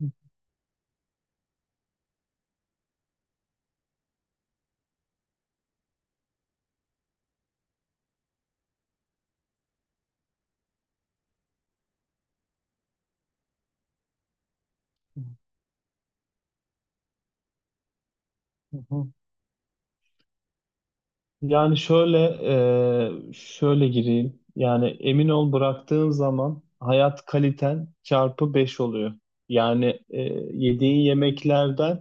Hı hı. Yani şöyle gireyim. Yani, emin ol, bıraktığın zaman hayat kaliten çarpı 5 oluyor. Yani yediğin yemeklerden,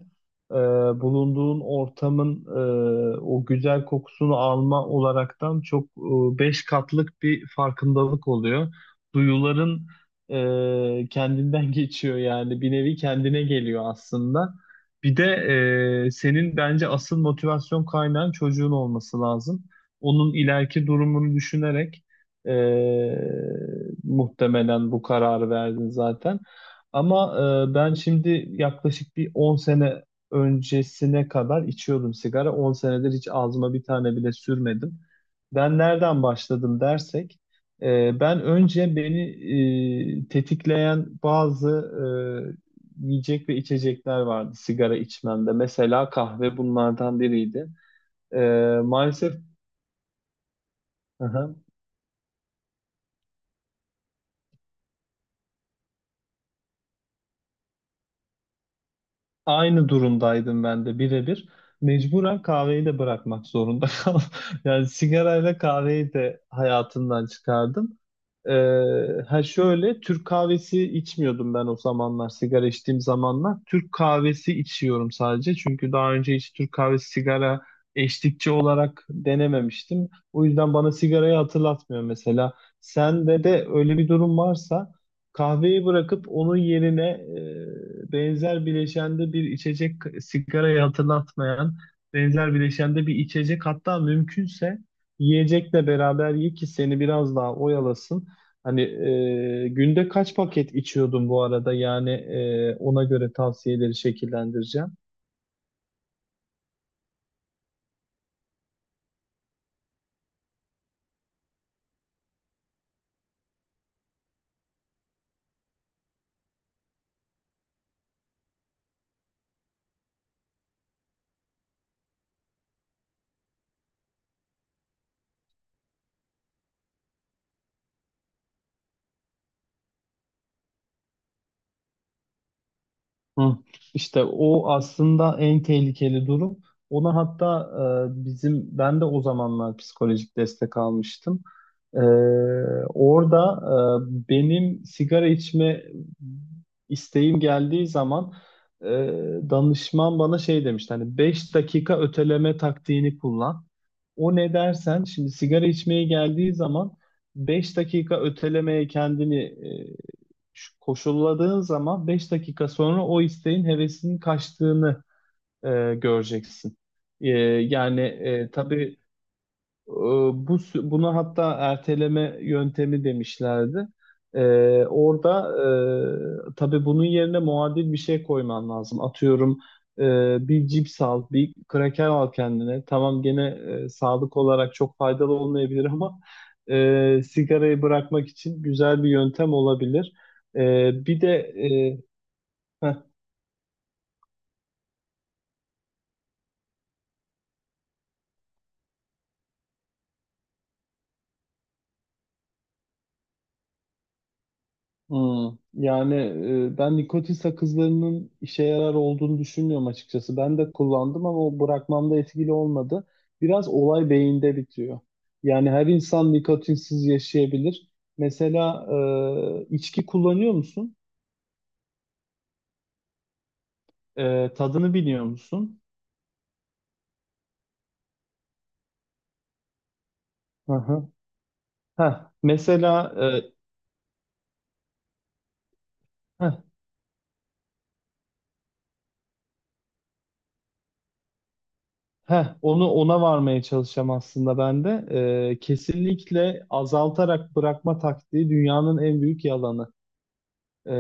e, bulunduğun ortamın o güzel kokusunu alma olaraktan çok, 5 katlık bir farkındalık oluyor. Duyuların kendinden geçiyor, yani bir nevi kendine geliyor aslında. Bir de senin bence asıl motivasyon kaynağın çocuğun olması lazım. Onun ileriki durumunu düşünerek, e, muhtemelen bu kararı verdin zaten. Ama ben şimdi yaklaşık bir 10 sene öncesine kadar içiyordum sigara. 10 senedir hiç ağzıma bir tane bile sürmedim. Ben nereden başladım dersek, ben önce beni tetikleyen bazı yiyecek ve içecekler vardı sigara içmemde. Mesela kahve bunlardan biriydi. Maalesef Aynı durumdaydım ben de birebir. Mecburen kahveyi de bırakmak zorunda kaldım. Yani sigarayla kahveyi de hayatımdan çıkardım. Ha şöyle, Türk kahvesi içmiyordum ben o zamanlar, sigara içtiğim zamanlar. Türk kahvesi içiyorum sadece. Çünkü daha önce hiç Türk kahvesi sigara eşlikçi olarak denememiştim. O yüzden bana sigarayı hatırlatmıyor mesela. Sende de öyle bir durum varsa, kahveyi bırakıp onun yerine benzer bileşende bir içecek, sigarayı hatırlatmayan benzer bileşende bir içecek, hatta mümkünse yiyecekle beraber ye ki seni biraz daha oyalasın. Hani günde kaç paket içiyordun bu arada? Yani ona göre tavsiyeleri şekillendireceğim. Hı. İşte o aslında en tehlikeli durum. Ona hatta, bizim, ben de o zamanlar psikolojik destek almıştım. E, orada benim sigara içme isteğim geldiği zaman, e, danışman bana şey demişti, hani 5 dakika öteleme taktiğini kullan. O ne dersen, şimdi sigara içmeye geldiği zaman 5 dakika ötelemeye kendini e, koşulladığın zaman, 5 dakika sonra o isteğin, hevesinin kaçtığını e, göreceksin. E, yani tabii ee, buna hatta erteleme yöntemi demişlerdi. Orada, tabii, bunun yerine muadil bir şey koyman lazım. Atıyorum, bir cips al, bir kraker al kendine. Tamam, gene sağlık olarak çok faydalı olmayabilir, ama sigarayı bırakmak için güzel bir yöntem olabilir. E, bir de e, heh, Hmm, Yani ben nikotin sakızlarının işe yarar olduğunu düşünmüyorum açıkçası. Ben de kullandım ama o bırakmamda etkili olmadı. Biraz olay beyinde bitiyor. Yani her insan nikotinsiz yaşayabilir. Mesela, içki kullanıyor musun? Tadını biliyor musun? Hı hı. Heh, mesela e, heh, ona varmaya çalışacağım aslında ben de. Kesinlikle azaltarak bırakma taktiği dünyanın en büyük yalanı. Ee,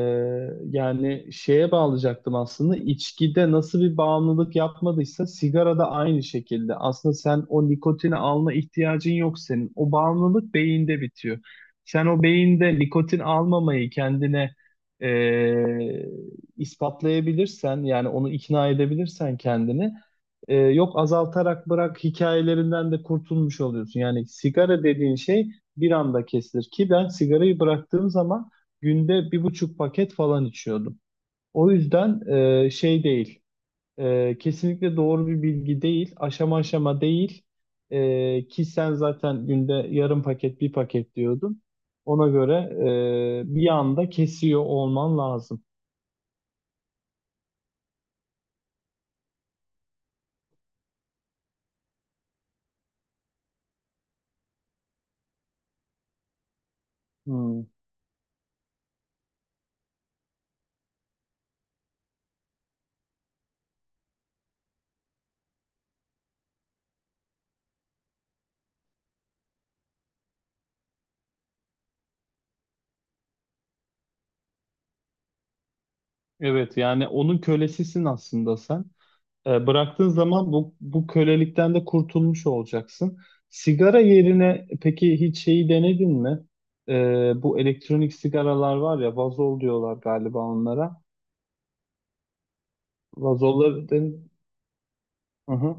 yani şeye bağlayacaktım aslında, içkide nasıl bir bağımlılık yapmadıysa sigarada aynı şekilde. Aslında sen o nikotini alma ihtiyacın yok senin. O bağımlılık beyinde bitiyor. Sen o beyinde nikotin almamayı kendine ee, ispatlayabilirsen, yani onu ikna edebilirsen kendini, yok azaltarak bırak hikayelerinden de kurtulmuş oluyorsun. Yani sigara dediğin şey bir anda kesilir ki, ben sigarayı bıraktığım zaman günde 1,5 paket falan içiyordum. O yüzden şey değil, kesinlikle doğru bir bilgi değil, aşama aşama değil. Ki sen zaten günde yarım paket, bir paket diyordun. Ona göre bir anda kesiyor olman lazım. Hmm. Evet, yani onun kölesisin aslında sen. Bıraktığın zaman bu kölelikten de kurtulmuş olacaksın. Sigara yerine peki hiç şeyi denedin mi? E, bu elektronik sigaralar var ya, vazol diyorlar galiba onlara. Vazolları Hı hı.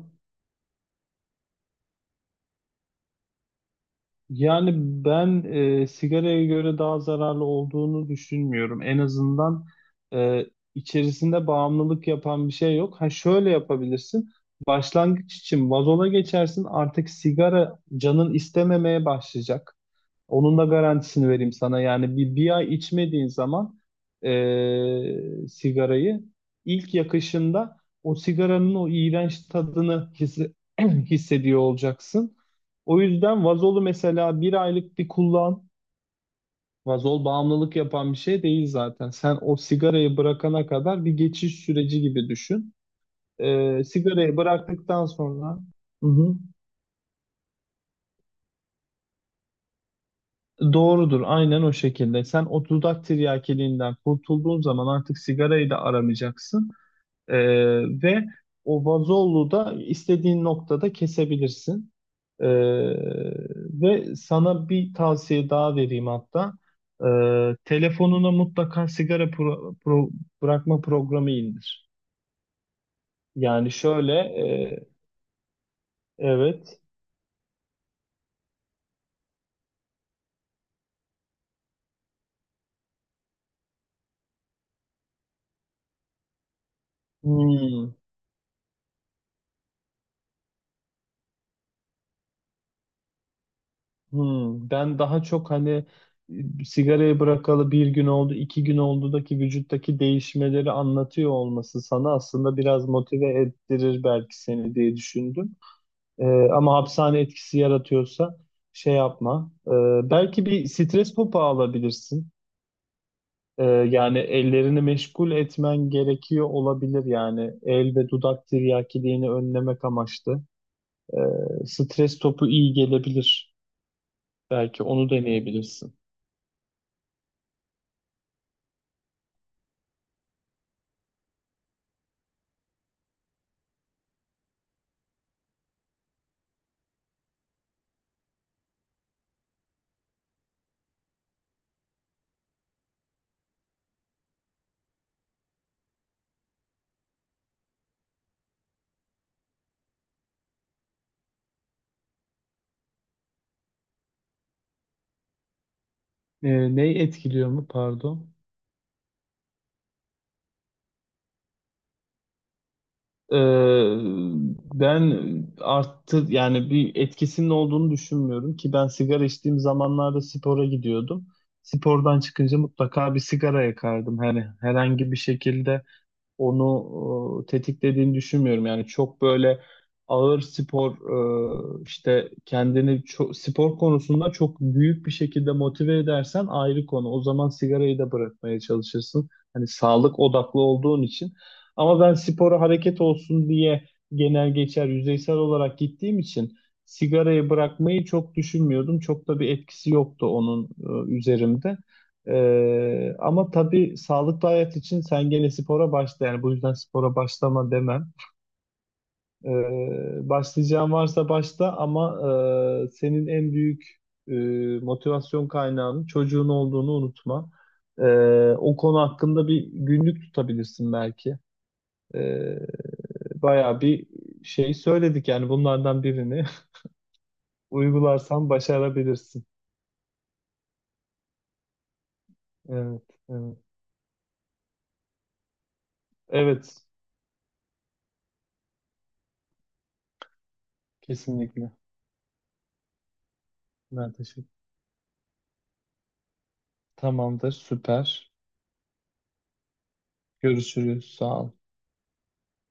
Yani ben sigaraya göre daha zararlı olduğunu düşünmüyorum. En azından e, içerisinde bağımlılık yapan bir şey yok. Ha, şöyle yapabilirsin. Başlangıç için vazola geçersin. Artık sigara canın istememeye başlayacak. Onun da garantisini vereyim sana. Yani, bir ay içmediğin zaman, sigarayı ilk yakışında o sigaranın o iğrenç tadını hissediyor olacaksın. O yüzden vazolu mesela bir aylık bir kullan. Vazol bağımlılık yapan bir şey değil zaten. Sen o sigarayı bırakana kadar bir geçiş süreci gibi düşün. Sigarayı bıraktıktan sonra... Hı hı. Doğrudur, aynen o şekilde. Sen o dudak tiryakiliğinden kurtulduğun zaman artık sigarayı da aramayacaksın. Ee, ve o vazolu da istediğin noktada kesebilirsin. Ee, ve sana bir tavsiye daha vereyim hatta. Telefonuna mutlaka sigara bırakma programı indir. Yani şöyle, evet. Hmm. Ben daha çok hani, sigarayı bırakalı bir gün oldu, 2 gün oldudaki vücuttaki değişmeleri anlatıyor olması sana aslında biraz motive ettirir belki seni diye düşündüm. Ee, ama hapishane etkisi yaratıyorsa şey yapma. Belki bir stres topu alabilirsin. Yani ellerini meşgul etmen gerekiyor olabilir, yani el ve dudak tiryakiliğini önlemek amaçlı. Stres topu iyi gelebilir. Belki onu deneyebilirsin. Neyi etkiliyor mu, pardon? E, ben arttı, yani bir etkisinin olduğunu düşünmüyorum ki ben sigara içtiğim zamanlarda spora gidiyordum. Spordan çıkınca mutlaka bir sigara yakardım. Hani herhangi bir şekilde onu tetiklediğini düşünmüyorum. Yani çok böyle ağır spor, işte kendini çok, spor konusunda çok büyük bir şekilde motive edersen ayrı konu. O zaman sigarayı da bırakmaya çalışırsın. Hani sağlık odaklı olduğun için. Ama ben spora hareket olsun diye genel geçer yüzeysel olarak gittiğim için sigarayı bırakmayı çok düşünmüyordum. Çok da bir etkisi yoktu onun üzerimde. Ama tabii sağlıklı hayat için sen gene spora başla, yani bu yüzden spora başlama demem. Başlayacağın varsa başla, ama senin en büyük e, motivasyon kaynağının çocuğun olduğunu unutma. Ee, o konu hakkında bir günlük tutabilirsin belki. Ee, bayağı bir şey söyledik, yani bunlardan birini uygularsan başarabilirsin. Evet, evet. Evet, kesinlikle. Ben teşekkür- Tamamdır, süper. Görüşürüz. Sağ ol.